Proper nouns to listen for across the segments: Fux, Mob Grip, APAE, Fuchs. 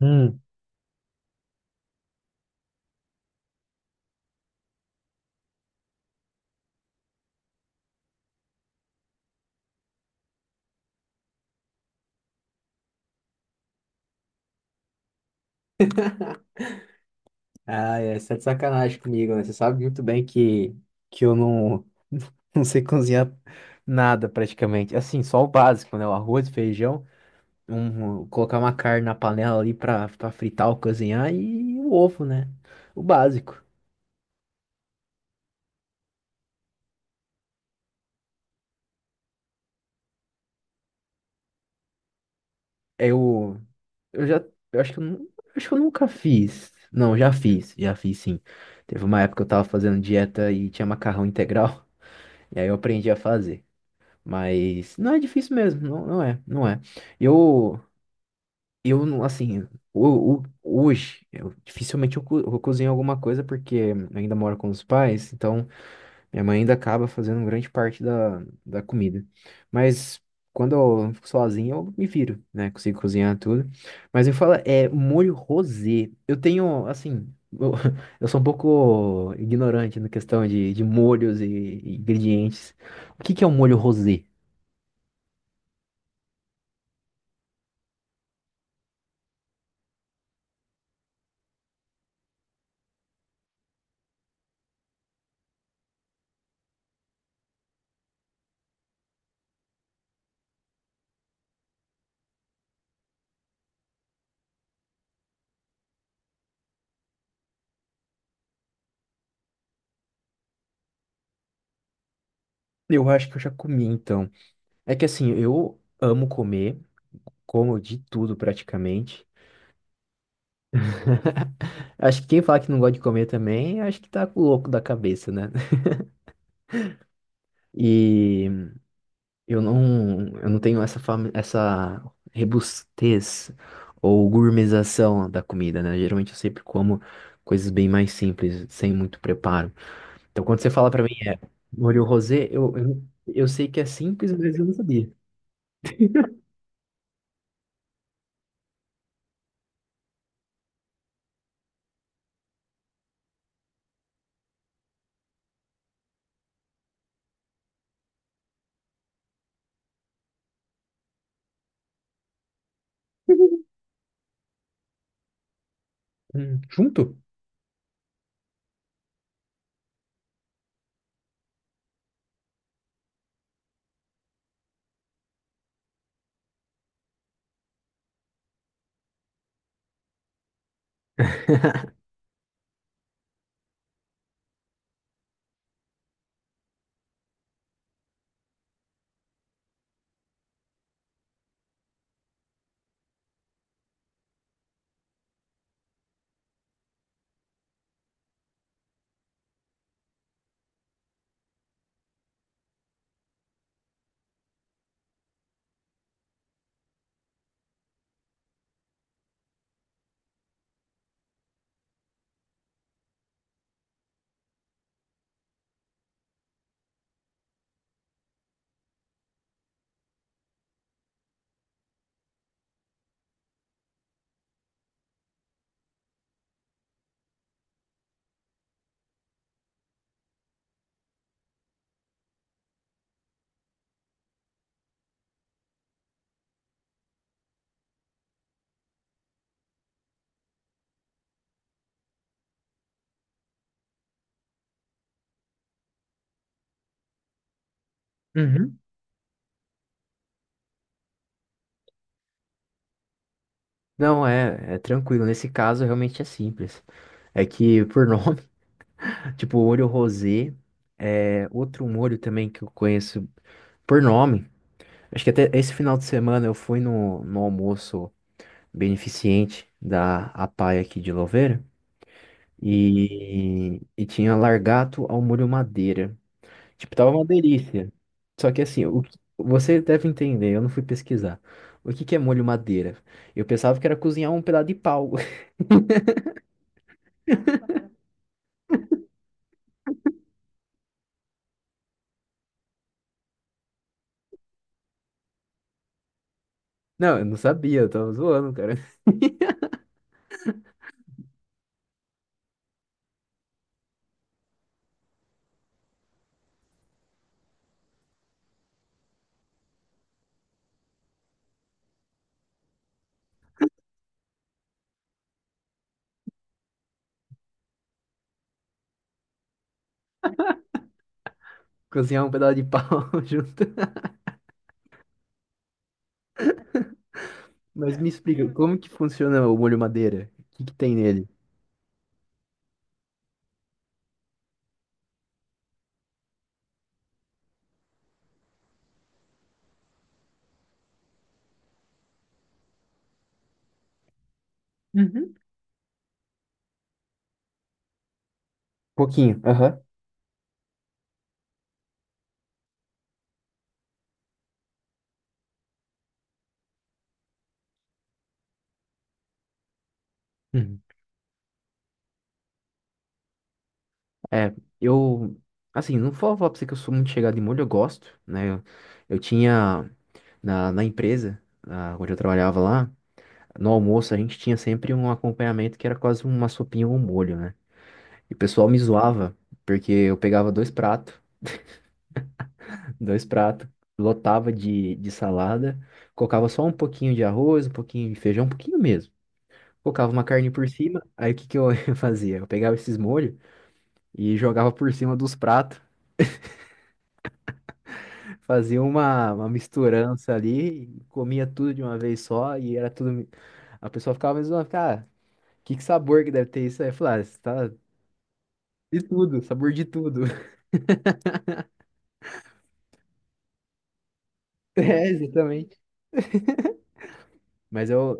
Hum. Ah, é, você tá de sacanagem comigo, né? Você sabe muito bem que, eu não, não sei cozinhar nada praticamente. Assim, só o básico, né? O arroz, feijão, colocar uma carne na panela ali pra fritar ou cozinhar e o ovo, né? O básico. Eu, eu já, eu acho que acho que eu nunca fiz. Não, já fiz sim. Teve uma época que eu tava fazendo dieta e tinha macarrão integral, e aí eu aprendi a fazer. Mas não é difícil mesmo, não, não é, não é. Eu, Eu não, assim, hoje, eu, dificilmente eu cozinho alguma coisa porque eu ainda moro com os pais, então minha mãe ainda acaba fazendo grande parte da comida. Mas quando eu fico sozinho, eu me viro, né? Consigo cozinhar tudo. Mas me fala, é molho rosé. Eu tenho, assim, eu, eu sou um pouco ignorante na questão de molhos e ingredientes. O que que é um molho rosé? Eu acho que eu já comi, então. É que assim, eu amo comer, como de tudo praticamente. Acho que quem fala que não gosta de comer também, acho que tá louco da cabeça, né? E eu não tenho essa fama, essa rebustez ou gourmetização da comida, né? Geralmente eu sempre como coisas bem mais simples, sem muito preparo. Então quando você fala pra mim é molho rosé, eu sei que é simples, mas eu não sabia. Junto? Não, é tranquilo. Nesse caso, realmente é simples. É que, por nome, tipo, molho rosé, é outro molho também que eu conheço por nome. Acho que até esse final de semana eu fui no almoço beneficente da APAE aqui de Louveira e tinha largato ao molho madeira. Tipo, tava uma delícia. Só que assim, você deve entender, eu não fui pesquisar. O que que é molho madeira? Eu pensava que era cozinhar um pedaço de pau. Não, eu não sabia, eu tava zoando, cara. Cozinhar um pedaço de pau junto. Mas me explica, como que funciona o molho madeira? O que que tem nele? Uhum. Pouquinho, aham. Uhum. É, eu, assim, não vou falar pra você que eu sou muito chegado em molho, eu gosto, né? Eu tinha, na empresa, onde eu trabalhava lá, no almoço a gente tinha sempre um acompanhamento que era quase uma sopinha ou um molho, né? E o pessoal me zoava, porque eu pegava dois pratos, dois pratos. Lotava de salada, colocava só um pouquinho de arroz, um pouquinho de feijão, um pouquinho mesmo. Colocava uma carne por cima, aí o que que eu fazia? Eu pegava esses molhos e jogava por cima dos pratos, fazia uma misturança ali, e comia tudo de uma vez só, e era tudo. A pessoa ficava mais zoando, cara, que sabor que deve ter isso aí? Eu falava, ah, isso tá de tudo, sabor de tudo. É, exatamente. Mas eu.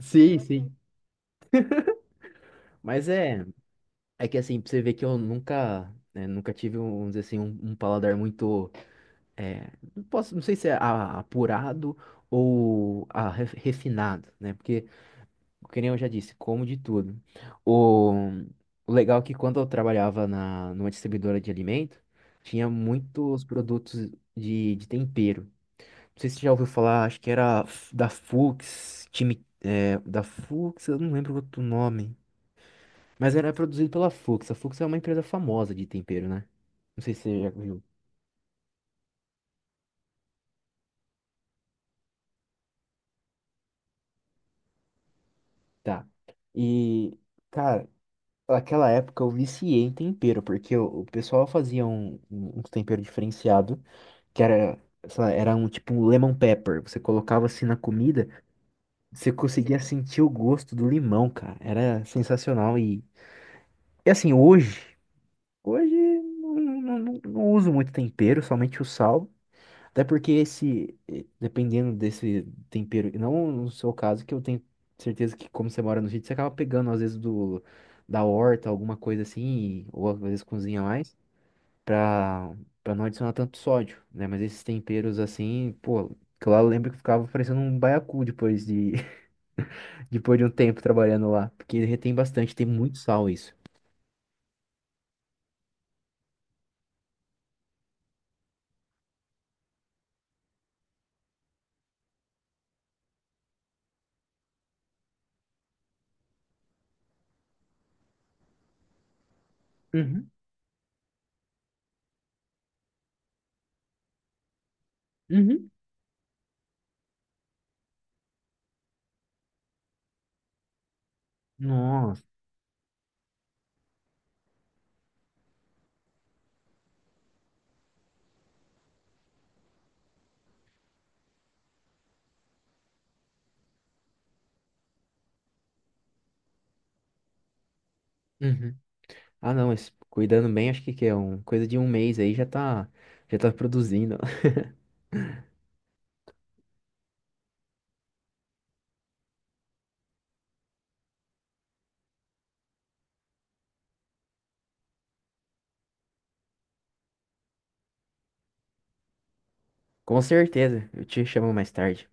Sim, sim. Mas é. É que assim, pra você ver que eu nunca, né, nunca tive, vamos dizer assim, um paladar muito, é, não posso, não sei se é apurado ou a refinado, né? Porque, que nem eu já disse, como de tudo. O, o legal é que quando eu trabalhava numa distribuidora de alimento, tinha muitos produtos de tempero. Não sei se você já ouviu falar, acho que era da Fuchs, time, é, da Fuchs, eu não lembro outro nome. Mas era produzido pela Fux. A Fux é uma empresa famosa de tempero, né? Não sei se você já viu. Tá. E, cara, naquela época eu viciei em tempero, porque o pessoal fazia um tempero diferenciado, que era, sei lá, era um tipo um lemon pepper. Você colocava assim na comida, você conseguia sentir o gosto do limão, cara. Era sensacional. E assim, hoje não, não, não não uso muito tempero, somente o sal. Até porque esse, dependendo desse tempero, não no seu caso, que eu tenho certeza que como você mora no sítio, você acaba pegando às vezes do da horta, alguma coisa assim, ou às vezes cozinha mais, pra, pra não adicionar tanto sódio, né? Mas esses temperos assim, pô, que lá eu lembro que ficava parecendo um baiacu depois de, depois de um tempo trabalhando lá, porque retém bastante, tem muito sal isso. Uhum, uhum. Nossa. Uhum. Ah, não, mas cuidando bem, acho que é coisa de um mês aí já tá produzindo. Com certeza, eu te chamo mais tarde.